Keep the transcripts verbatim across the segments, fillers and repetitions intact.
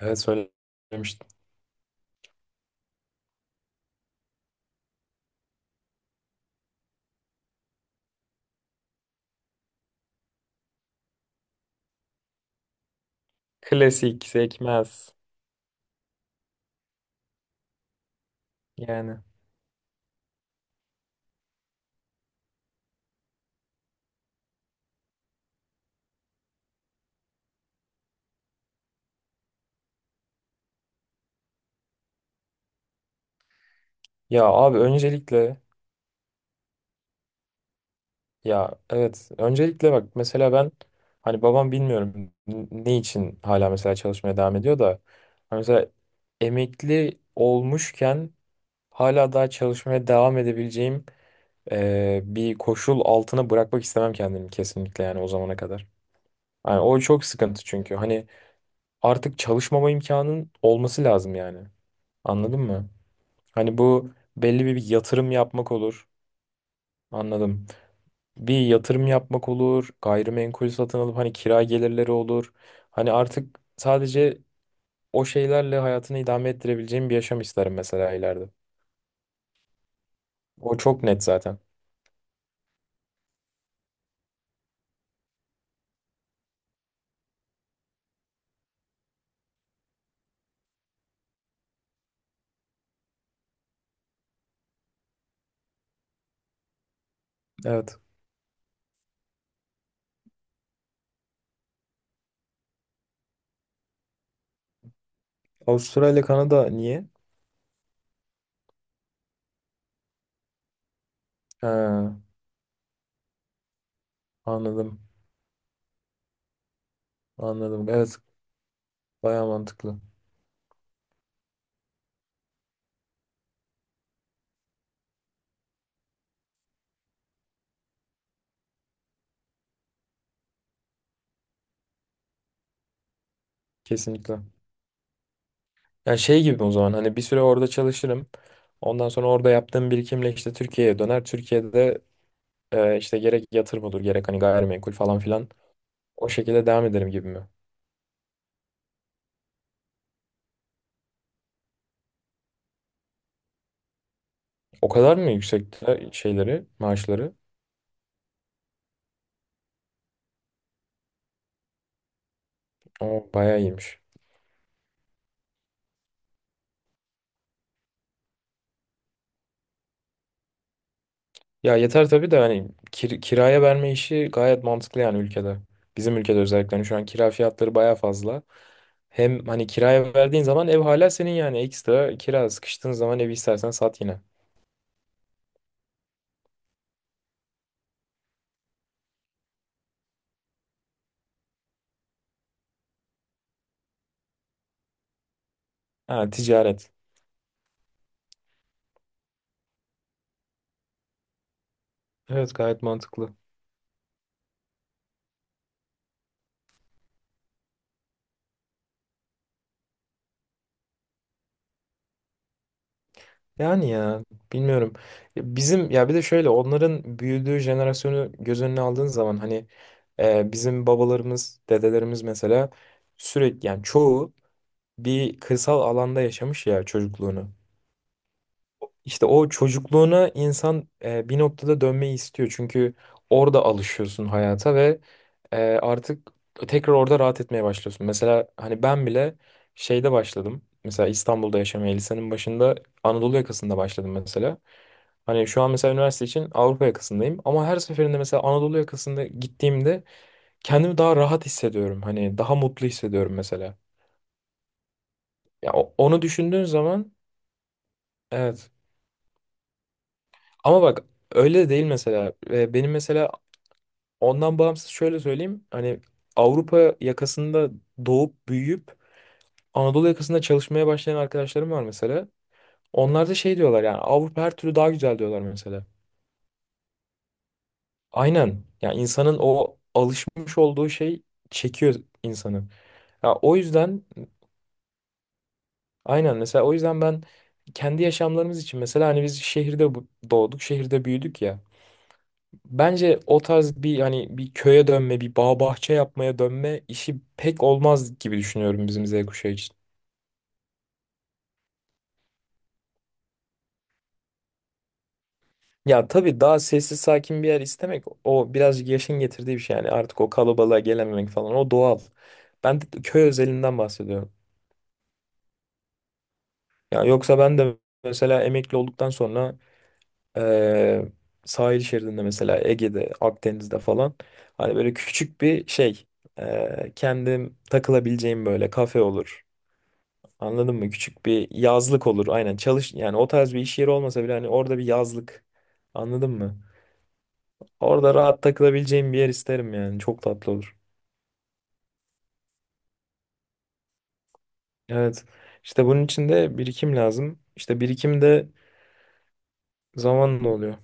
Evet, söylemiştim. Klasik sekmez yani. Ya abi, öncelikle ya evet, öncelikle bak mesela ben hani babam bilmiyorum n- ne için hala mesela çalışmaya devam ediyor da hani mesela emekli olmuşken hala daha çalışmaya devam edebileceğim e, bir koşul altına bırakmak istemem kendimi kesinlikle yani o zamana kadar. Yani o çok sıkıntı çünkü hani artık çalışmama imkanın olması lazım yani. Anladın mı? Hani bu belli bir yatırım yapmak olur. Anladım. Bir yatırım yapmak olur. Gayrimenkul satın alıp hani kira gelirleri olur. Hani artık sadece o şeylerle hayatını idame ettirebileceğim bir yaşam isterim mesela ileride. O çok net zaten. Evet. Avustralya ile Kanada niye? Ha, anladım. Anladım. Evet. Baya mantıklı. Kesinlikle. Yani şey gibi, o zaman hani bir süre orada çalışırım. Ondan sonra orada yaptığım birikimle işte Türkiye'ye döner. Türkiye'de Ee, işte gerek yatırım olur gerek hani gayrimenkul falan filan o şekilde devam ederim gibi mi? O kadar mı yüksekte şeyleri, maaşları? O bayağı iyiymiş. Ya yeter tabii de hani kir- kiraya verme işi gayet mantıklı yani ülkede. Bizim ülkede özellikle hani şu an kira fiyatları bayağı fazla. Hem hani kiraya verdiğin zaman ev hala senin yani, ekstra kira sıkıştığın zaman evi istersen sat yine. Ha, ticaret. Evet, gayet mantıklı. Yani ya bilmiyorum. Ya bizim, ya bir de şöyle, onların büyüdüğü jenerasyonu göz önüne aldığın zaman hani e, bizim babalarımız, dedelerimiz mesela sürekli yani çoğu bir kırsal alanda yaşamış ya çocukluğunu. İşte o çocukluğuna insan e, bir noktada dönmeyi istiyor. Çünkü orada alışıyorsun hayata ve ee, artık tekrar orada rahat etmeye başlıyorsun. Mesela hani ben bile şeyde başladım. Mesela İstanbul'da yaşamaya lisenin başında Anadolu yakasında başladım mesela. Hani şu an mesela üniversite için Avrupa yakasındayım, ama her seferinde mesela Anadolu yakasında gittiğimde kendimi daha rahat hissediyorum. Hani daha mutlu hissediyorum mesela. Ya o- onu düşündüğün zaman evet. Ama bak, öyle de değil mesela. Ee, Benim mesela ondan bağımsız şöyle söyleyeyim. Hani Avrupa yakasında doğup büyüyüp Anadolu yakasında çalışmaya başlayan arkadaşlarım var mesela. Onlar da şey diyorlar, yani Avrupa her türlü daha güzel diyorlar mesela. Aynen. Yani insanın o alışmış olduğu şey çekiyor insanı. Ya o yüzden, aynen mesela o yüzden ben kendi yaşamlarımız için mesela hani biz şehirde bu- doğduk, şehirde büyüdük ya. Bence o tarz bir hani bir köye dönme, bir bağ bahçe yapmaya dönme işi pek olmaz gibi düşünüyorum bizim Z kuşağı için. Ya tabii daha sessiz sakin bir yer istemek o birazcık yaşın getirdiği bir şey yani, artık o kalabalığa gelememek falan, o doğal. Ben de köy özelinden bahsediyorum. Ya yoksa ben de mesela emekli olduktan sonra eee, sahil şeridinde mesela Ege'de, Akdeniz'de falan hani böyle küçük bir şey, eee, kendim takılabileceğim böyle kafe olur. Anladın mı? Küçük bir yazlık olur. Aynen çalış yani, o tarz bir iş yeri olmasa bile hani orada bir yazlık. Anladın mı? Orada rahat takılabileceğim bir yer isterim yani. Çok tatlı olur. Evet. İşte bunun için de birikim lazım. İşte birikim de zamanla oluyor.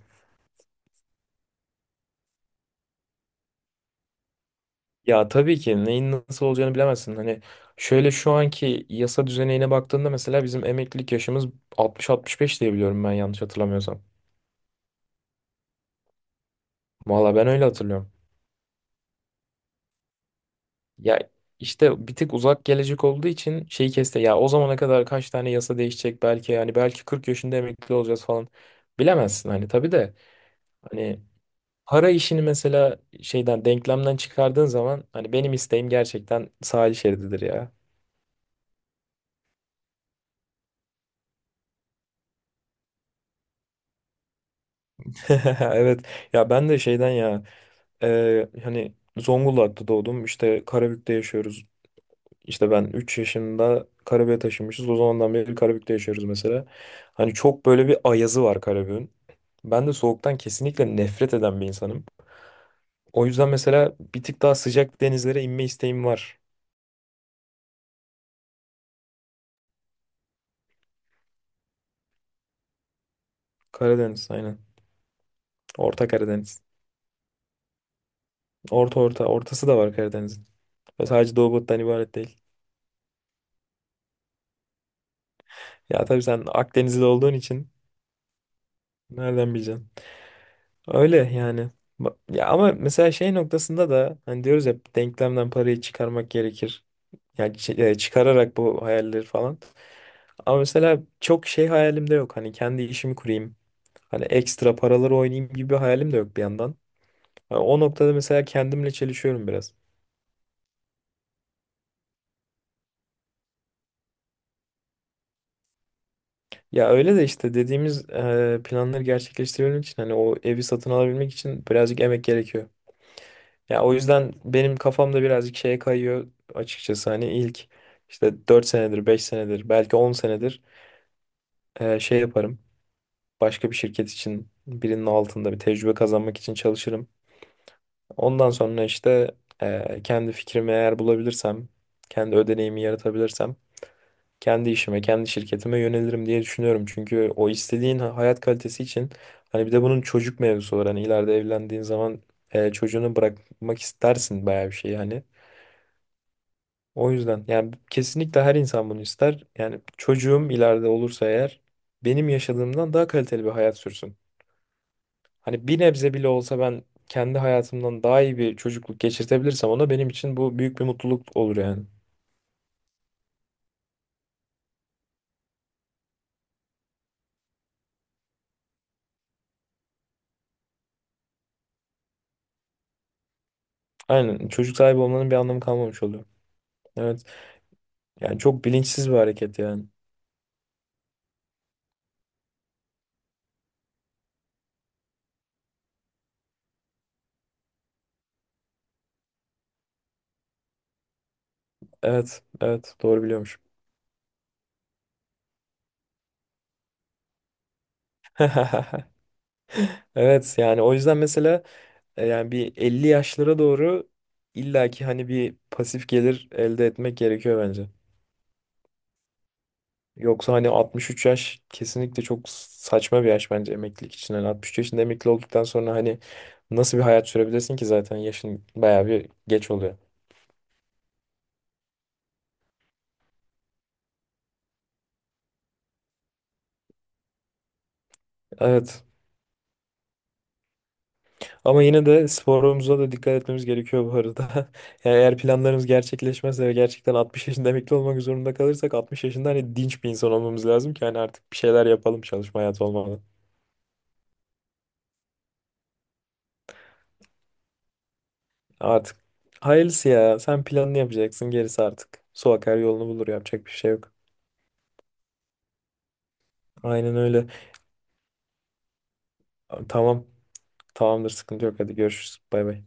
Ya tabii ki neyin nasıl olacağını bilemezsin. Hani şöyle, şu anki yasa düzenine baktığında mesela bizim emeklilik yaşımız altmış altmış beş diye biliyorum ben, yanlış hatırlamıyorsam. Valla ben öyle hatırlıyorum. Ya işte bir tık uzak gelecek olduğu için şeyi keste. Ya o zamana kadar kaç tane yasa değişecek belki, yani belki kırk yaşında emekli olacağız falan. Bilemezsin hani, tabii de. Hani para işini mesela şeyden, denklemden çıkardığın zaman hani benim isteğim gerçekten sahil şerididir ya. Evet, ya ben de şeyden ya, e, hani Zonguldak'ta doğdum, işte Karabük'te yaşıyoruz. İşte ben üç yaşında Karabük'e taşınmışız, o zamandan beri Karabük'te yaşıyoruz mesela. Hani çok böyle bir ayazı var Karabük'ün. Ben de soğuktan kesinlikle nefret eden bir insanım. O yüzden mesela bir tık daha sıcak denizlere inme isteğim var. Karadeniz, aynen. Orta Karadeniz. Orta, orta ortası da var Karadeniz'in. Sadece Doğu Batı'dan ibaret değil. Ya tabii sen Akdenizli olduğun için nereden bileceksin? Öyle yani. Ba- Ya ama mesela şey noktasında da hani diyoruz ya, denklemden parayı çıkarmak gerekir. Yani çi- e, çıkararak bu hayalleri falan. Ama mesela çok şey hayalim de yok. Hani kendi işimi kurayım, hani ekstra paraları oynayayım gibi bir hayalim de yok bir yandan. Ha, o noktada mesela kendimle çelişiyorum biraz. Ya öyle de işte dediğimiz e, planları gerçekleştirebilmek için hani o evi satın alabilmek için birazcık emek gerekiyor. Ya o yüzden benim kafamda birazcık şeye kayıyor açıkçası, hani ilk işte dört senedir, beş senedir, belki on senedir e, şey yaparım. Başka bir şirket için birinin altında bir tecrübe kazanmak için çalışırım. Ondan sonra işte e, kendi fikrimi eğer bulabilirsem, kendi ödeneğimi yaratabilirsem kendi işime, kendi şirketime yönelirim diye düşünüyorum. Çünkü o istediğin ha- hayat kalitesi için hani bir de bunun çocuk mevzusu var. Hani ileride evlendiğin zaman e, çocuğunu bırakmak istersin bayağı bir şey yani. O yüzden yani kesinlikle her insan bunu ister. Yani çocuğum ileride olursa eğer benim yaşadığımdan daha kaliteli bir hayat sürsün. Hani bir nebze bile olsa ben kendi hayatımdan daha iyi bir çocukluk geçirtebilirsem ona, benim için bu büyük bir mutluluk olur yani. Aynen, çocuk sahibi olmanın bir anlamı kalmamış oluyor. Evet. Yani çok bilinçsiz bir hareket yani. Evet, evet doğru biliyormuş. Evet, yani o yüzden mesela e, yani bir elli yaşlara doğru illaki hani bir pasif gelir elde etmek gerekiyor bence. Yoksa hani altmış üç yaş kesinlikle çok saçma bir yaş bence emeklilik için. Hani altmış üç yaşında emekli olduktan sonra hani nasıl bir hayat sürebilirsin ki zaten, yaşın bayağı bir geç oluyor. Evet. Ama yine de sporumuza da dikkat etmemiz gerekiyor bu arada. Yani eğer planlarımız gerçekleşmezse ve gerçekten altmış yaşında emekli olmak zorunda kalırsak, altmış yaşında hani dinç bir insan olmamız lazım ki hani artık bir şeyler yapalım çalışma hayatı olmadan. Artık hayırlısı ya, sen planını yapacaksın gerisi artık. Su akar yolunu bulur, yapacak bir şey yok. Aynen öyle. Tamam, tamamdır, sıkıntı yok, hadi görüşürüz, bay bay.